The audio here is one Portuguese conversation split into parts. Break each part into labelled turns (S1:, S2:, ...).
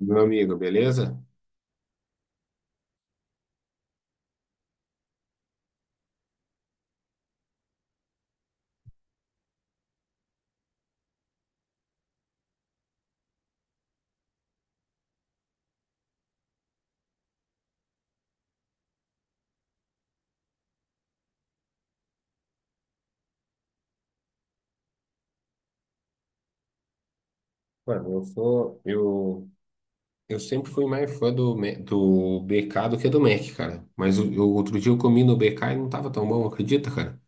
S1: Meu amigo, beleza? Mano, eu sempre fui mais fã do, do BK do que do Mac, cara. Mas outro dia eu comi no BK e não tava tão bom, acredita, cara?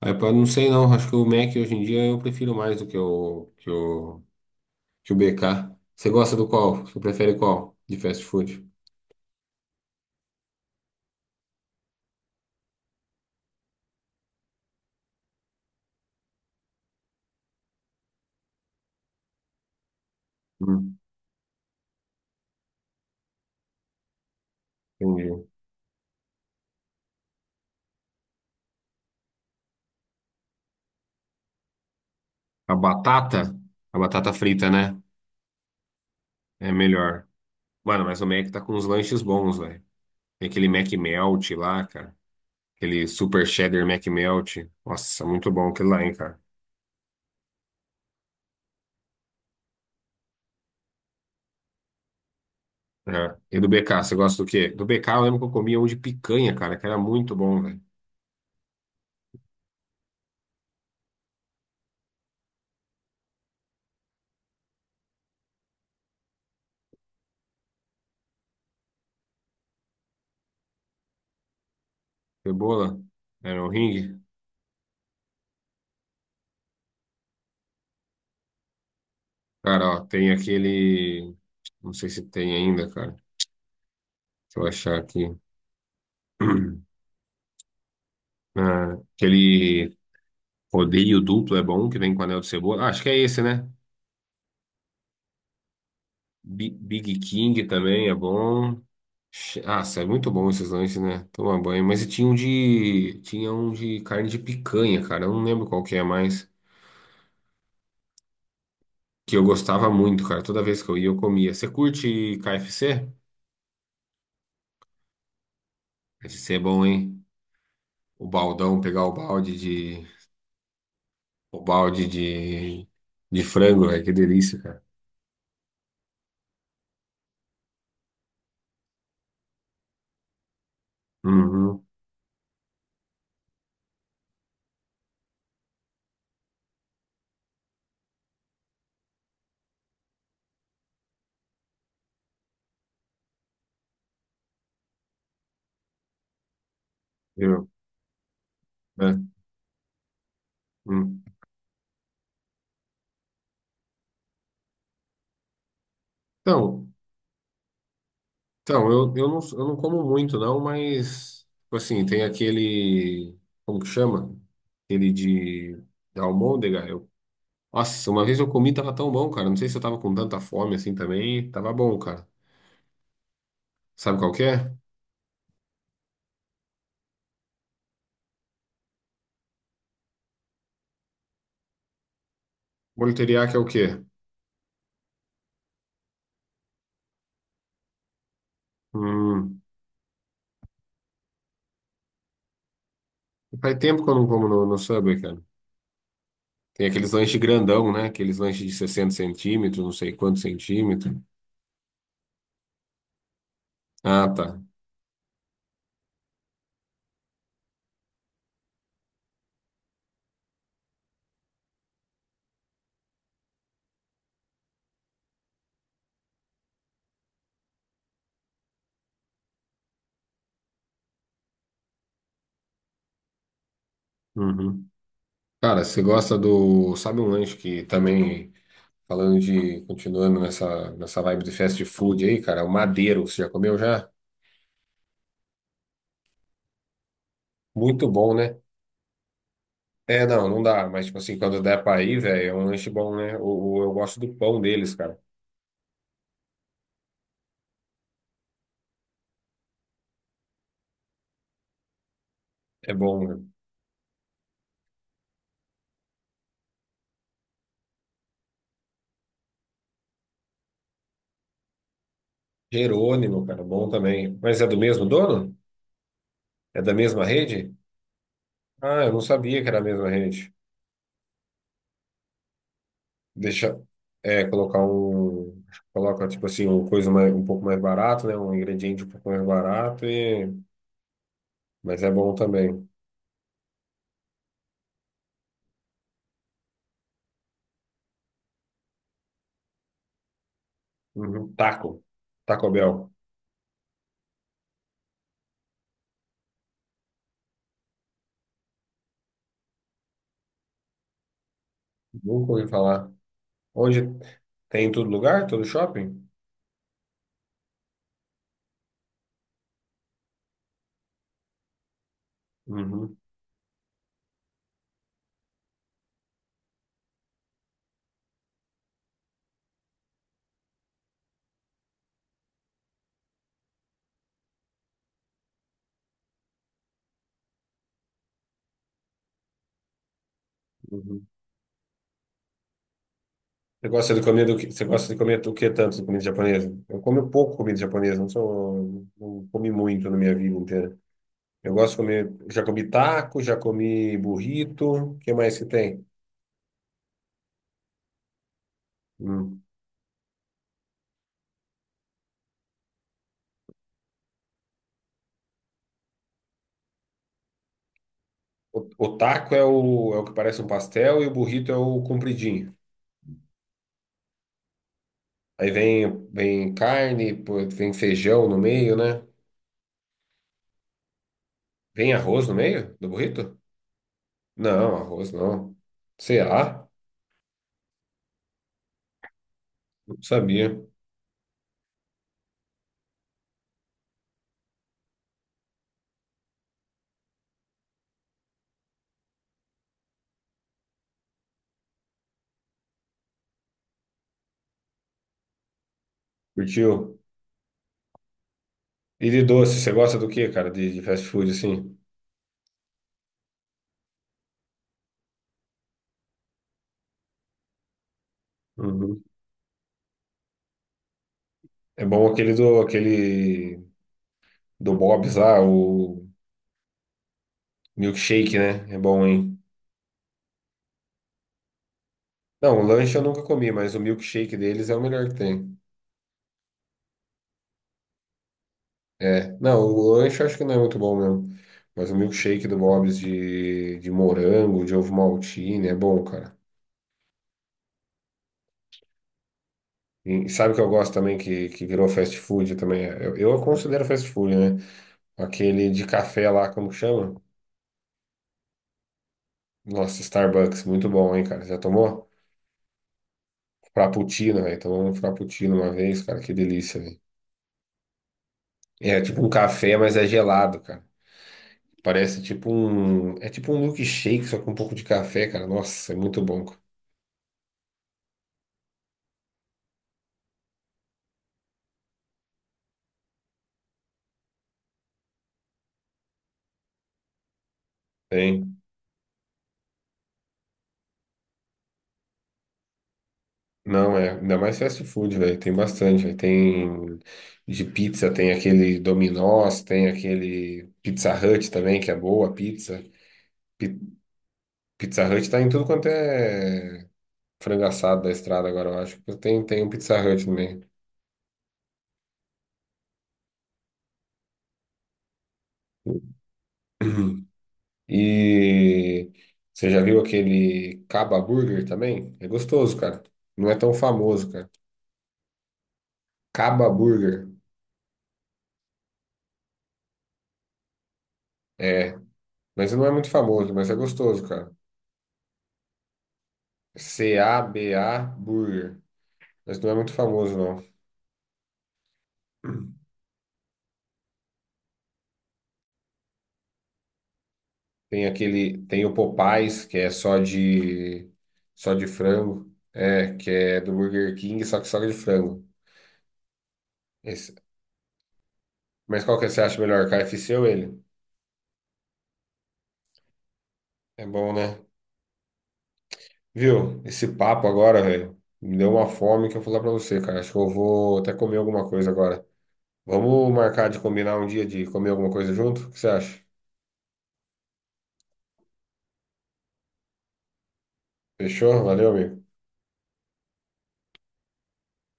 S1: Aí, pá, não sei não, acho que o Mac hoje em dia eu prefiro mais do que o BK. Você gosta do qual? Você prefere qual de fast food? Hum, entendi. A batata? A batata frita, né? É melhor. Mano, mas o Mac tá com uns lanches bons, velho. Tem aquele Mac Melt lá, cara. Aquele Super Cheddar Mac melt. Nossa, muito bom aquilo lá, hein, cara. É. E do BK, você gosta do quê? Do BK eu lembro que eu comia um de picanha, cara, que era muito bom, velho. Cebola, era um ringue. Cara, ó, tem aquele... Não sei se tem ainda, cara. Deixa eu achar aqui. Ah, aquele rodeio duplo é bom, que vem com anel de cebola. Ah, acho que é esse, né? Big King também é bom. Ah, é muito bom esses lanches, né? Toma banho. Mas e tinha um de carne de picanha, cara. Eu não lembro qual que é mais. Que eu gostava muito, cara. Toda vez que eu ia, eu comia. Você curte KFC? KFC é bom, hein? O baldão, pegar o balde de frango, velho. Que delícia, cara. Uhum. Eu, né? Hum. Então. Então, não, eu não como muito, não, mas, tipo assim, tem aquele. Como que chama? Aquele de. Da almôndega. Eu, nossa, uma vez eu comi, tava tão bom, cara. Não sei se eu tava com tanta fome assim também. Tava bom, cara. Sabe qual que é? Molho teriyaki é o quê? Hum, faz tempo que eu não como no Subway, cara. Tem aqueles lanches grandão, né? Aqueles lanches de 60 centímetros, não sei quantos centímetros. Ah, tá. Uhum. Cara, você gosta do. Sabe um lanche que também. Falando de, continuando nessa vibe de fast food aí, cara, o Madeiro, você já comeu já? Muito bom, né? É, não, não dá, mas tipo assim, quando der pra ir, velho, é um lanche bom, né? Eu gosto do pão deles, cara. É bom, né? Jerônimo, cara, bom também. Mas é do mesmo dono? É da mesma rede? Ah, eu não sabia que era a mesma rede. Deixa, é, colocar um, coloca tipo assim, uma coisa mais, um pouco mais barato, né? Um ingrediente um pouco mais barato e, mas é bom também. Uhum. Taco, Taco Bell. Nunca ouvi falar. Hoje tem em todo lugar, todo shopping? Uhum, uhum. Você gosta de comer do que, você gosta de comer o que tanto de comida japonesa? Eu como pouco comida japonesa, não sou, não comi muito na minha vida inteira. Eu gosto de comer, já comi taco, já comi burrito, o que mais que tem? Hum. O taco é é o que parece um pastel e o burrito é o compridinho. Aí vem carne, pô, vem feijão no meio, né? Vem arroz no meio do burrito? Não, arroz não. Será? Não sabia. Curtiu? E de doce, você gosta do que, cara, de fast food, assim? Uhum. É bom aquele do Bob's lá, o milkshake, né? É bom, hein? Não, o lanche eu nunca comi, mas o milkshake deles é o melhor que tem. É, não, o lanche eu acho que não é muito bom mesmo. Mas o milkshake do Bob's de morango, de ovo maltine, é bom, cara. E sabe o que eu gosto também, que virou fast food também? Eu considero fast food, né? Aquele de café lá, como que chama? Nossa, Starbucks, muito bom, hein, cara? Já tomou? Frappuccino, velho. Tomou um frappuccino uma vez, cara, que delícia, velho. É tipo um café, mas é gelado, cara. Parece tipo um. É tipo um milkshake, só com um pouco de café, cara. Nossa, é muito bom, cara. Tem. Não, é. Ainda mais fast food, velho. Tem bastante, velho. Tem de pizza, tem aquele Domino's, tem aquele Pizza Hut também, que é boa, pizza. Pi- Pizza Hut tá em tudo quanto é. Frango assado da estrada agora, eu acho. Tem um Pizza Hut também. E você já viu aquele Caba Burger também? É gostoso, cara. Não é tão famoso, cara. Caba Burger. É, mas não é muito famoso, mas é gostoso, cara. CABA Burger. Mas não é muito famoso, não. Tem aquele, tem o Popeyes, que é só de frango, é, que é do Burger King, só que só de frango. Esse- Mas qual que você acha melhor, KFC ou ele? É bom, né? Viu? Esse papo agora, velho, me deu uma fome que eu vou falar pra você, cara. Acho que eu vou até comer alguma coisa agora. Vamos marcar de combinar um dia de comer alguma coisa junto? O que você acha? Fechou? Valeu, amigo.